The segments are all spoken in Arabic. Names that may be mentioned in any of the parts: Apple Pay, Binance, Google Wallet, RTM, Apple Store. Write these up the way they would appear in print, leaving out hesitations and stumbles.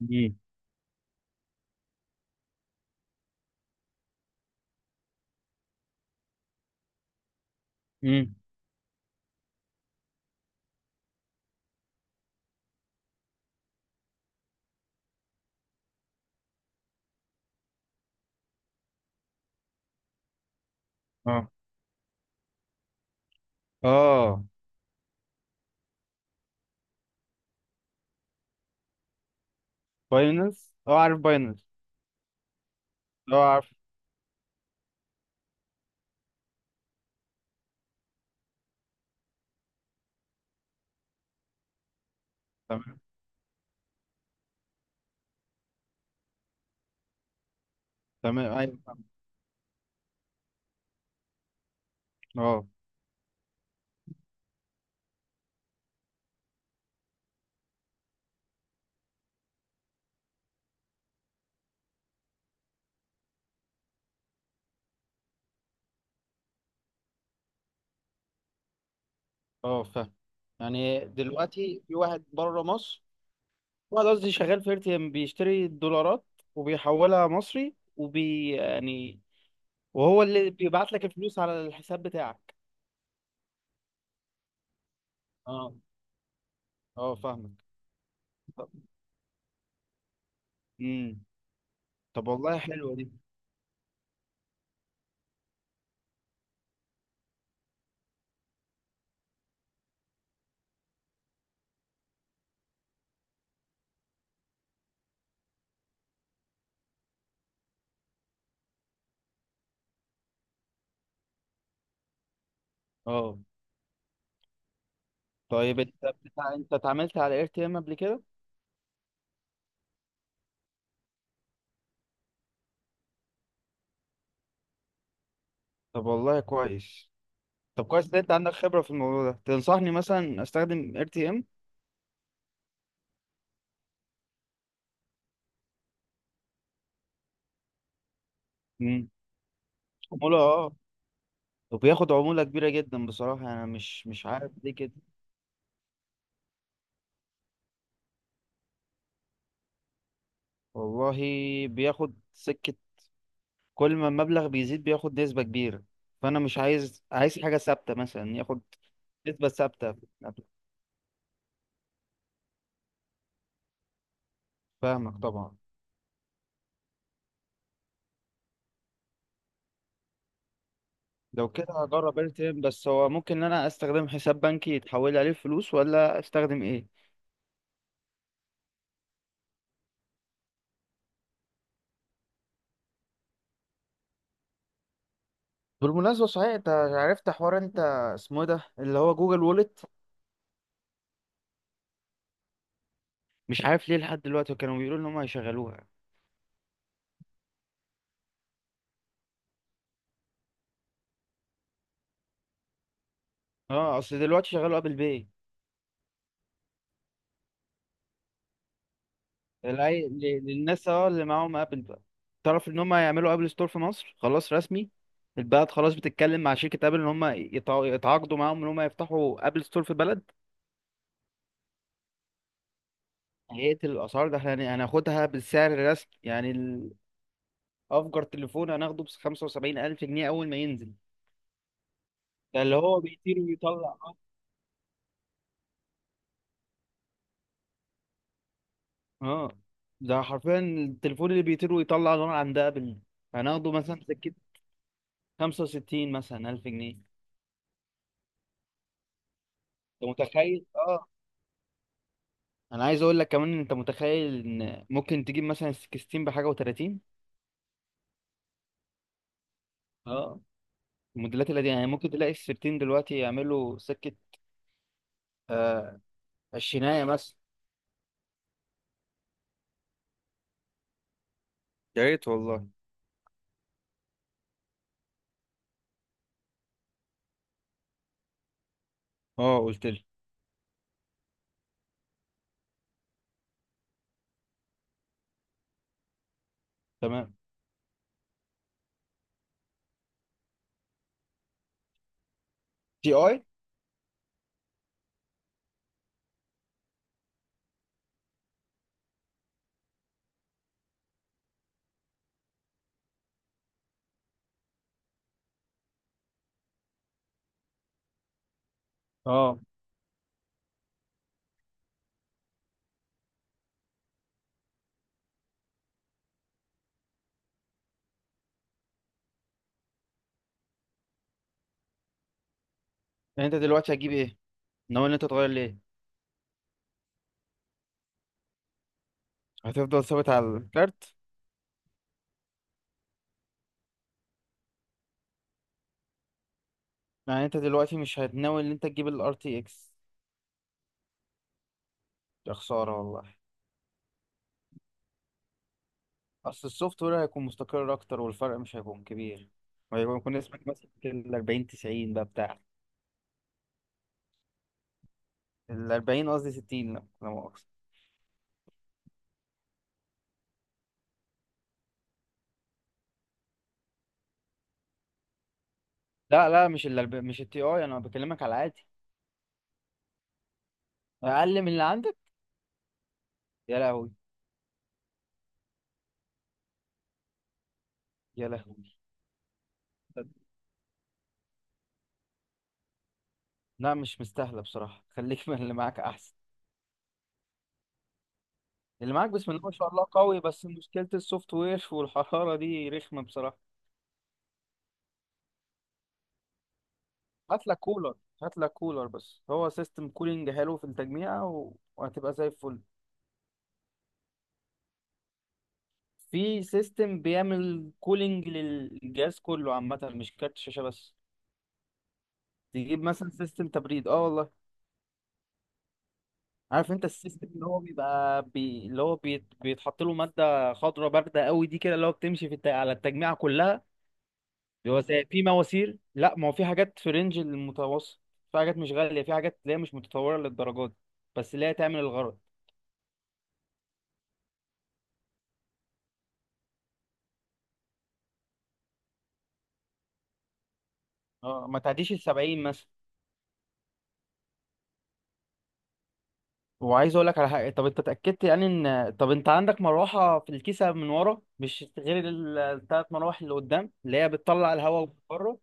امم امم. اه اه. باينانس، اه عارف باينانس. اه عارف. تمام. تمام، ايوه فاهم. اه اه فاهم. يعني دلوقتي في واحد بره مصر، قصدي شغال في ارتيم بيشتري الدولارات وبيحولها مصري وبي يعني وهو اللي بيبعت لك الفلوس على الحساب بتاعك. اه، اه فاهمك. طب، امم. طب والله حلوه دي. اه. طيب انت، انت اتعاملت على ار تي ام قبل كده؟ طب والله كويس. طب كويس ان انت عندك خبرة في الموضوع ده، تنصحني مثلا استخدم ار تي ام؟ عمولة، اه. وبياخد عمولة كبيرة جدا بصراحة، يعني انا مش عارف ليه كده. والله بياخد سكة، كل ما المبلغ بيزيد بياخد نسبة كبيرة. فانا مش عايز حاجة ثابتة، مثلا ياخد نسبة ثابتة. فاهمك طبعا. لو كده هجرب ار تي ام، بس هو ممكن ان انا استخدم حساب بنكي يتحول عليه فلوس ولا استخدم ايه؟ بالمناسبة صحيح، انت عرفت حوار انت اسمه إيه ده، اللي هو جوجل وولت؟ مش عارف ليه لحد دلوقتي، كانوا بيقولوا ان هم هيشغلوها. اه اصل دلوقتي شغالوا ابل باي. للناس، اه، اللي معاهم ابل بقى. تعرف ان هم هيعملوا ابل ستور في مصر خلاص رسمي؟ البلد خلاص بتتكلم مع شركة ابل ان هم يتعاقدوا معاهم ان هم يفتحوا ابل ستور في البلد. هيقتل الاسعار، ده احنا هناخدها بالسعر الرسمي، يعني ال- افجر تليفون هناخده ب 75 الف جنيه اول ما ينزل. ده اللي هو بيطير ويطلع، اه. آه. ده حرفيا التليفون اللي بيطير ويطلع نار عند ابل، هناخده مثلا سكة 65 مثلا 1000 جنيه. انت متخيل؟ اه. انا عايز اقول لك كمان إن انت متخيل ان ممكن تجيب مثلا 16 بحاجه و30؟ اه. الموديلات اللي دي يعني ممكن تلاقي ال 16 دلوقتي يعملوا سكه. آه. عشرينية مثلا. يا ريت والله. اه قلت لي. تمام. تي اي. اه. يعني انت دلوقتي هتجيب ايه؟ ناوي ان انت تغير ليه؟ هتفضل ثابت على الكارت؟ يعني انت دلوقتي مش هتناوي ان انت تجيب الار تي اكس؟ يا خساره والله. اصل السوفت وير هيكون مستقر اكتر والفرق مش هيكون كبير. وهيكون اسمك مثلا ال 40 90 بقى بتاع، ال 40 قصدي 60، لا مؤاخذة. لا مش ال 40، مش التي اي، انا بكلمك على عادي. اقل من اللي عندك؟ يا لهوي. يا لهوي. لا مش مستاهله بصراحه، خليك من اللي معاك احسن. اللي معاك بسم الله ما شاء الله قوي، بس مشكله السوفت وير والحراره دي رخمه بصراحه. هات لك كولر. هات لك كولر، بس هو سيستم كولينج حلو في التجميع وهتبقى زي الفل. في سيستم بيعمل كولينج للجهاز كله عامة، مش كارت شاشة بس. تجيب مثلا سيستم تبريد، اه والله. عارف انت السيستم اللي هو بيبقى اللي هو بيتحط له مادة خضراء باردة قوي دي، كده اللي هو بتمشي في على التجميعة كلها. بيبقى زي في مواسير، لا ما هو في حاجات في رينج المتوسط، في حاجات مش غالية، في حاجات اللي هي مش متطورة للدرجات دي، بس اللي هي تعمل الغرض. اه، ما تعديش السبعين. وعايز اقول لك على حاجه، طب انت اتاكدت يعني ان، طب انت عندك مروحه في الكيسه من ورا مش غير الثلاث مراوح اللي قدام اللي هي بتطلع الهواء من بره؟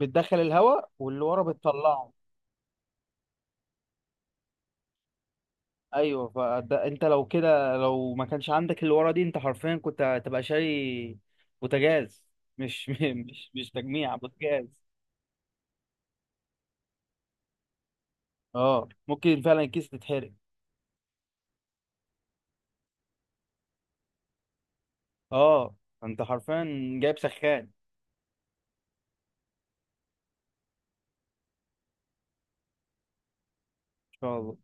بتدخل الهواء واللي ورا بتطلعه. ايوه، فده انت لو كده لو ما كانش عندك اللي ورا دي انت حرفيا كنت هتبقى شاري بوتاجاز. مش مش تجميع بوتاجاز. اه ممكن فعلا الكيس تتحرق. اه انت حرفيا جايب سخان ان شاء الله.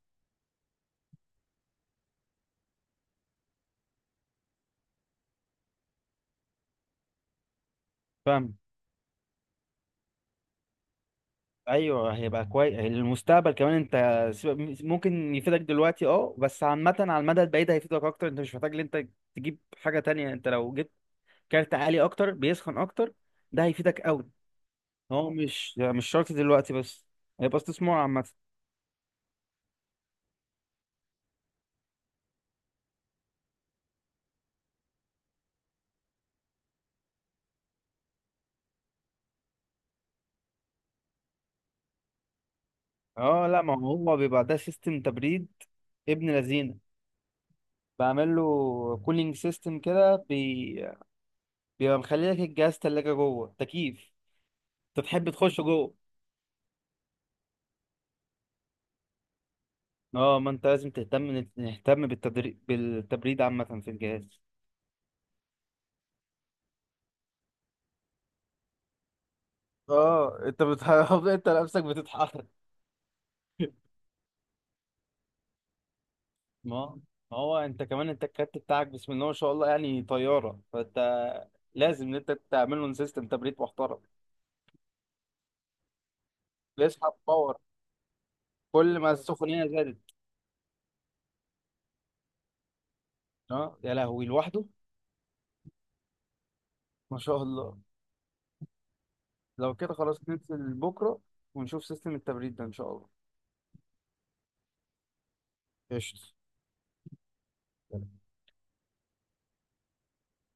فاهم. ايوه هيبقى كويس المستقبل كمان. انت ممكن يفيدك دلوقتي، اه، بس عامه على المدى البعيد هيفيدك اكتر. انت مش محتاج ان انت تجيب حاجه تانية، انت لو جبت كارت عالي اكتر بيسخن اكتر، ده هيفيدك قوي. هو مش شرط دلوقتي، بس هيبقى استثمار عامه. اه. لا ما هو بيبقى ده سيستم تبريد ابن لذينه، بعمل له كولينج سيستم كده بيبقى مخلي لك الجهاز تلاجة جوه تكييف، انت تحب تخش جوه. اه ما انت لازم تهتم، نهتم بالتبريد عامة في الجهاز. اه انت انت نفسك بتتحرك. ما ما هو انت كمان، انت الكارت بتاعك بسم الله ما شاء الله يعني طيارة، فانت لازم ان انت تعمل له سيستم تبريد محترم. بيسحب باور، كل ما السخونية زادت. اه يا لهوي، لوحده. ما شاء الله. لو كده خلاص ننزل بكرة ونشوف سيستم التبريد ده ان شاء الله. قشطة.